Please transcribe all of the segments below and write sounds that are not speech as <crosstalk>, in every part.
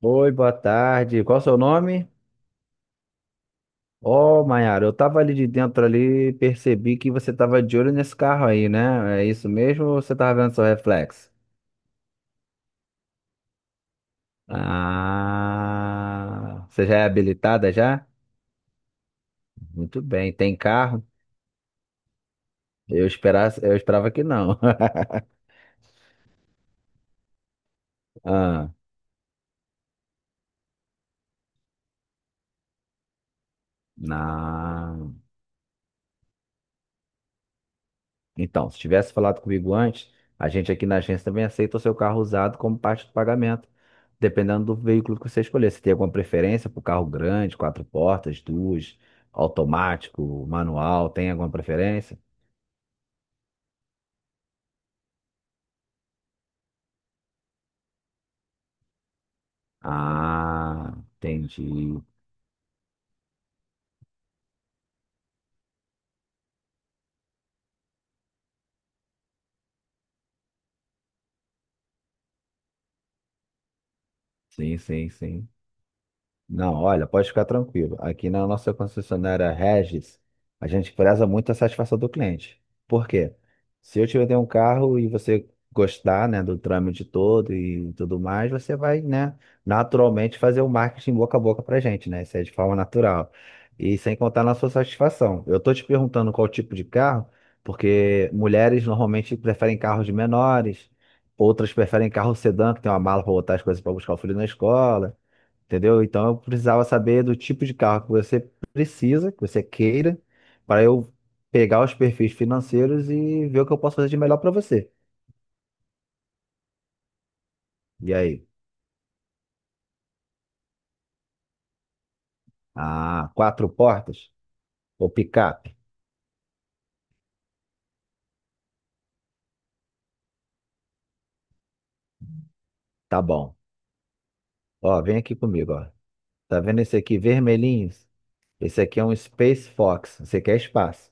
Oi, boa tarde. Qual o seu nome? Ó, Maiara, eu tava ali de dentro ali, percebi que você tava de olho nesse carro aí, né? É isso mesmo ou você tava vendo seu reflexo? Ah, você já é habilitada já? Muito bem, tem carro? Eu esperava que não. <laughs> Ah, não. Então, se tivesse falado comigo antes, a gente aqui na agência também aceita o seu carro usado como parte do pagamento, dependendo do veículo que você escolher. Você tem alguma preferência por carro grande, quatro portas, duas, automático, manual? Tem alguma preferência? Ah, entendi. Sim, sim, sim. Não, olha, pode ficar tranquilo. Aqui na nossa concessionária Regis, a gente preza muito a satisfação do cliente. Por quê? Se eu te vender um carro e você gostar, né, do trâmite todo e tudo mais, você vai, né, naturalmente fazer o marketing boca a boca pra gente, né? Isso é de forma natural. E sem contar na sua satisfação. Eu tô te perguntando qual tipo de carro, porque mulheres normalmente preferem carros menores, outras preferem carro sedã, que tem uma mala para botar as coisas para buscar o filho na escola, entendeu? Então eu precisava saber do tipo de carro que você precisa, que você queira, para eu pegar os perfis financeiros e ver o que eu posso fazer de melhor para você. E aí? Ah, quatro portas? Ou picape? Tá bom. Ó, vem aqui comigo, ó. Tá vendo esse aqui vermelhinho? Esse aqui é um Space Fox. Você quer espaço.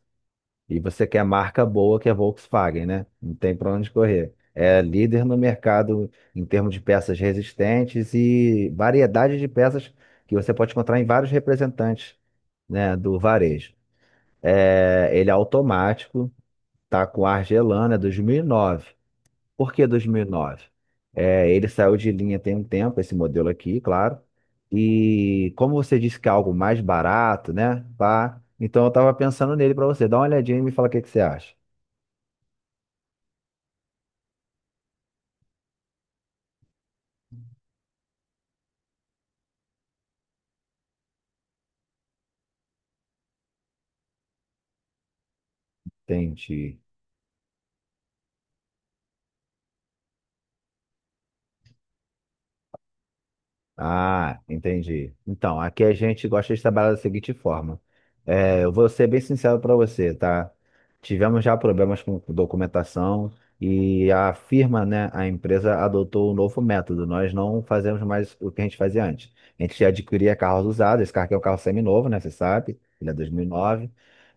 E você quer marca boa, que é Volkswagen, né? Não tem para onde correr. É líder no mercado em termos de peças resistentes e variedade de peças que você pode encontrar em vários representantes, né, do varejo. É, ele é automático, tá com ar gelando, é 2009. Por que 2009? É, ele saiu de linha tem um tempo, esse modelo aqui, claro. E como você disse que é algo mais barato, né? Pá, então eu tava pensando nele para você. Dá uma olhadinha e me fala o que que você acha. Entendi. Ah, entendi. Então, aqui a gente gosta de trabalhar da seguinte forma. É, eu vou ser bem sincero para você, tá? Tivemos já problemas com documentação e a firma, né, a empresa adotou um novo método. Nós não fazemos mais o que a gente fazia antes. A gente adquiria carros usados. Esse carro aqui é um carro seminovo, né? Você sabe, ele é dois mil e nove.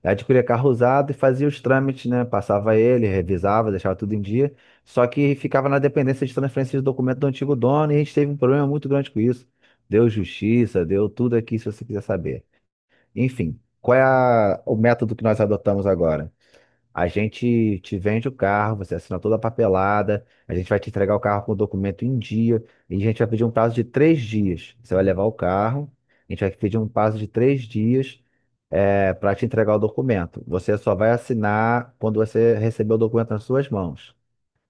Adquiria carro usado e fazia os trâmites, né? Passava ele, revisava, deixava tudo em dia. Só que ficava na dependência de transferência de documento do antigo dono e a gente teve um problema muito grande com isso. Deu justiça, deu tudo aqui, se você quiser saber. Enfim, qual é o método que nós adotamos agora? A gente te vende o carro, você assina toda a papelada, a gente vai te entregar o carro com o documento em dia, e a gente vai pedir um prazo de três dias. Você vai levar o carro, a gente vai pedir um prazo de três dias para te entregar o documento. Você só vai assinar quando você receber o documento nas suas mãos.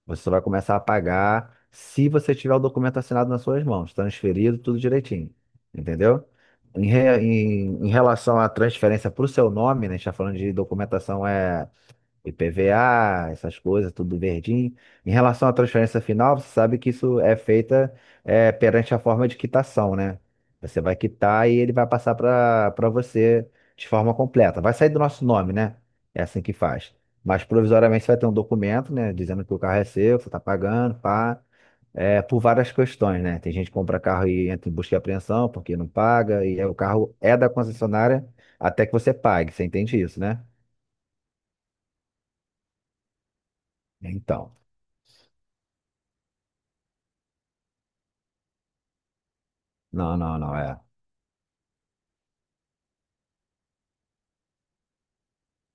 Você só vai começar a pagar se você tiver o documento assinado nas suas mãos, transferido, tudo direitinho. Entendeu? Em relação à transferência para o seu nome, né, a gente está falando de documentação IPVA, essas coisas, tudo verdinho. Em relação à transferência final, você sabe que isso é feita, perante a forma de quitação, né? Você vai quitar e ele vai passar para você de forma completa. Vai sair do nosso nome, né? É assim que faz. Mas provisoriamente você vai ter um documento, né? Dizendo que o carro é seu, que você está pagando, pá. É, por várias questões, né? Tem gente que compra carro e entra em busca e apreensão porque não paga, e aí o carro é da concessionária até que você pague. Você entende isso, né? Então. Não, não, não, é.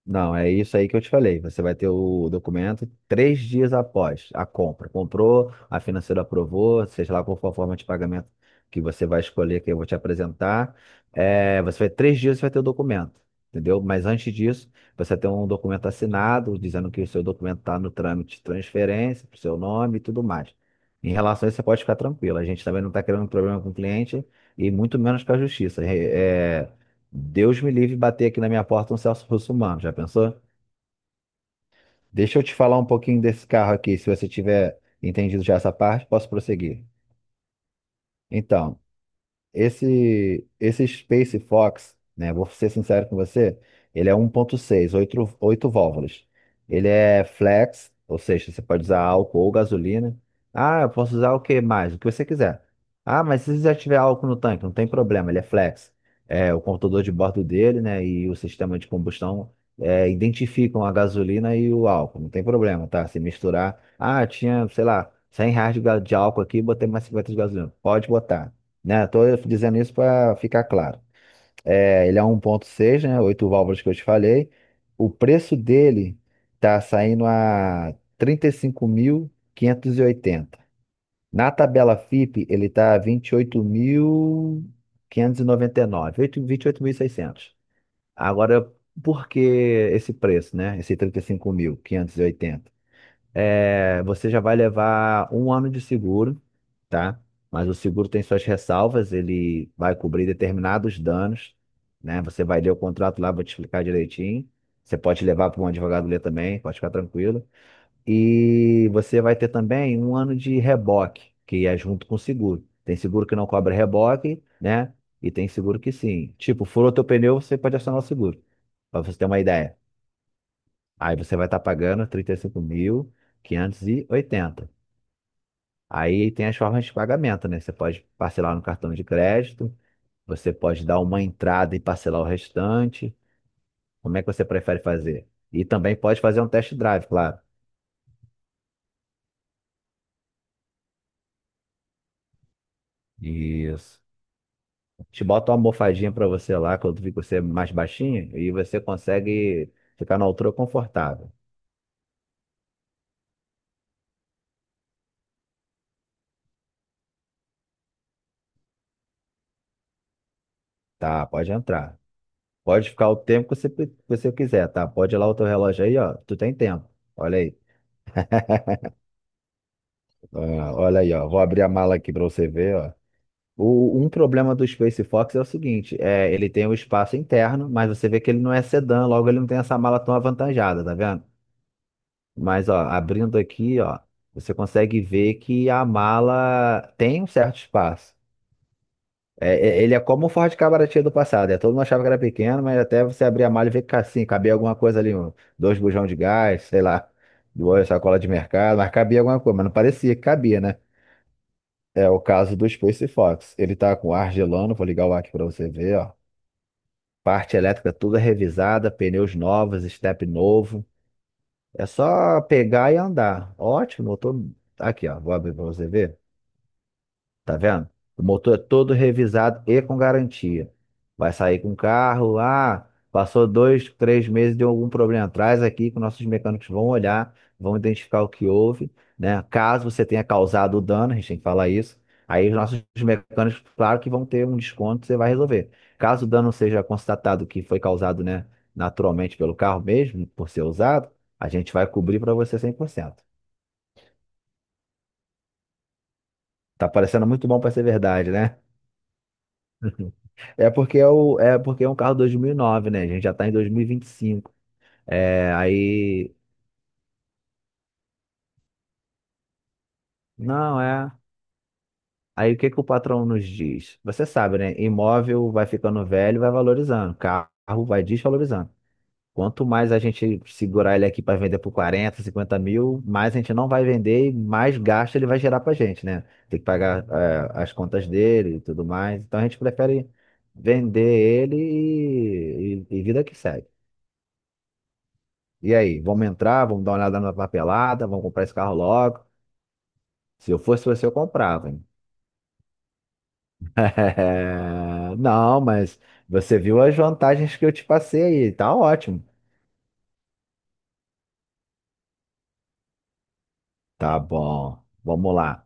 Não, é isso aí que eu te falei. Você vai ter o documento três dias após a compra. Comprou, a financeira aprovou, seja lá qual for a forma de pagamento que você vai escolher, que eu vou te apresentar. É, você vai três dias você vai ter o documento, entendeu? Mas antes disso, você tem um documento assinado dizendo que o seu documento está no trâmite de transferência, para o seu nome e tudo mais. Em relação a isso, você pode ficar tranquilo. A gente também não está criando problema com o cliente e muito menos com a justiça. É, Deus me livre bater aqui na minha porta um Celso Russomano, já pensou? Deixa eu te falar um pouquinho desse carro aqui, se você tiver entendido já essa parte, posso prosseguir. Então, esse Space Fox, né? Vou ser sincero com você, ele é 1.6, 8 válvulas. Ele é flex, ou seja, você pode usar álcool ou gasolina. Ah, eu posso usar o que mais? O que você quiser. Ah, mas se já tiver álcool no tanque, não tem problema, ele é flex. É, o computador de bordo dele, né, e o sistema de combustão identificam a gasolina e o álcool, não tem problema, tá? Se misturar, ah, tinha, sei lá, 100 reais de álcool aqui, botei mais 50 de gasolina. Pode botar, né? Tô dizendo isso para ficar claro. É, ele é um 1.6, né? Oito válvulas que eu te falei. O preço dele tá saindo a trinta e cinco mil quinhentos e oitenta. Na tabela FIPE, ele tá vinte e oito- mil mil quinhentos e noventa nove oito- vinte e oito mil e seiscentos. Agora, por que esse preço, né? Esse trinta e cinco mil quinhentos e oitenta, é, você já vai levar um ano de seguro, tá? Mas o seguro tem suas ressalvas, ele vai cobrir determinados danos, né? Você vai ler o contrato lá, vou te explicar direitinho. Você pode levar para um advogado ler também, pode ficar tranquilo. E você vai ter também um ano de reboque, que é junto com o seguro. Tem seguro que não cobra reboque, né? E tem seguro que sim. Tipo, furou teu pneu, você pode acionar o seguro, para você ter uma ideia. Aí você vai estar pagando trinta e cinco mil quinhentos e oitenta. Aí tem as formas de pagamento, né? Você pode parcelar no cartão de crédito, você pode dar uma entrada e parcelar o restante. Como é que você prefere fazer? E também pode fazer um test drive, claro. Isso. Te bota uma almofadinha para você lá, quando fica você mais baixinho, e você consegue ficar na altura confortável. Tá, pode entrar. Pode ficar o tempo que você quiser, tá? Pode ir lá o teu relógio aí, ó. Tu tem tempo. Olha aí. Ah, olha aí, ó. Vou abrir a mala aqui para você ver, ó. O, um problema do Space Fox é o seguinte, ele tem um espaço interno, mas você vê que ele não é sedã, logo ele não tem essa mala tão avantajada, tá vendo? Mas, ó, abrindo aqui, ó, você consegue ver que a mala tem um certo espaço. É, é- ele é como o Ford Cabramatil do passado, é, todo mundo achava que era pequeno, mas até você abrir a mala e ver que tá assim, cabia alguma coisa ali, dois bujão de gás, sei lá, duas sacolas de mercado, mas cabia alguma coisa, mas não parecia que cabia, né? É o caso do Space Fox. Ele tá com ar gelando, vou ligar o ar aqui pra você ver, ó. Parte elétrica toda revisada, pneus novos, step novo. É só pegar e andar. Ótimo, eu tô aqui, ó. Vou abrir pra você ver. Tá vendo? O motor é todo revisado e com garantia. Vai sair com o carro, ah, passou dois, três meses, deu algum problema. Traz aqui que nossos mecânicos vão olhar, vão identificar o que houve, né? Caso você tenha causado o dano, a gente tem que falar isso. Aí os nossos mecânicos, claro que vão ter um desconto, você vai resolver. Caso o dano seja constatado que foi causado, né, naturalmente pelo carro mesmo, por ser usado, a gente vai cobrir para você cem por cento. Tá parecendo muito bom para ser verdade, né? <laughs> É porque é, o, é porque é um carro 2009, né? A gente já tá em dois mil e vinte e cinco. É, aí. Não, é. Aí o que que o patrão nos diz? Você sabe, né? Imóvel vai ficando velho, vai valorizando. Carro vai desvalorizando. Quanto mais a gente segurar ele aqui para vender por 40, 50 mil, mais a gente não vai vender e mais gasto ele vai gerar pra gente, né? Tem que pagar, é, as contas dele e tudo mais. Então a gente prefere vender ele e vida que segue. E aí, vamos entrar, vamos dar uma olhada na papelada, vamos comprar esse carro logo. Se eu fosse você, eu comprava, hein? <laughs> Não, mas você viu as vantagens que eu te passei aí, tá ótimo. Tá bom, vamos lá.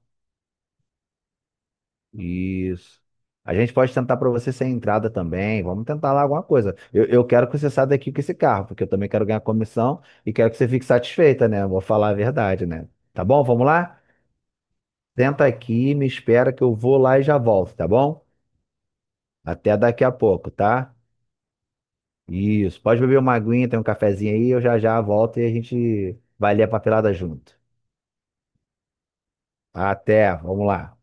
Isso. A gente pode tentar para você sem entrada também. Vamos tentar lá alguma coisa. Eu quero que você saia daqui com esse carro, porque eu também quero ganhar comissão e quero que você fique satisfeita, né? Vou falar a verdade, né? Tá bom? Vamos lá? Senta aqui, me espera que eu vou lá e já volto, tá bom? Até daqui a pouco, tá? Isso. Pode beber uma aguinha, tem um cafezinho aí, eu já já volto e a gente vai ler a papelada junto. Até, vamos lá.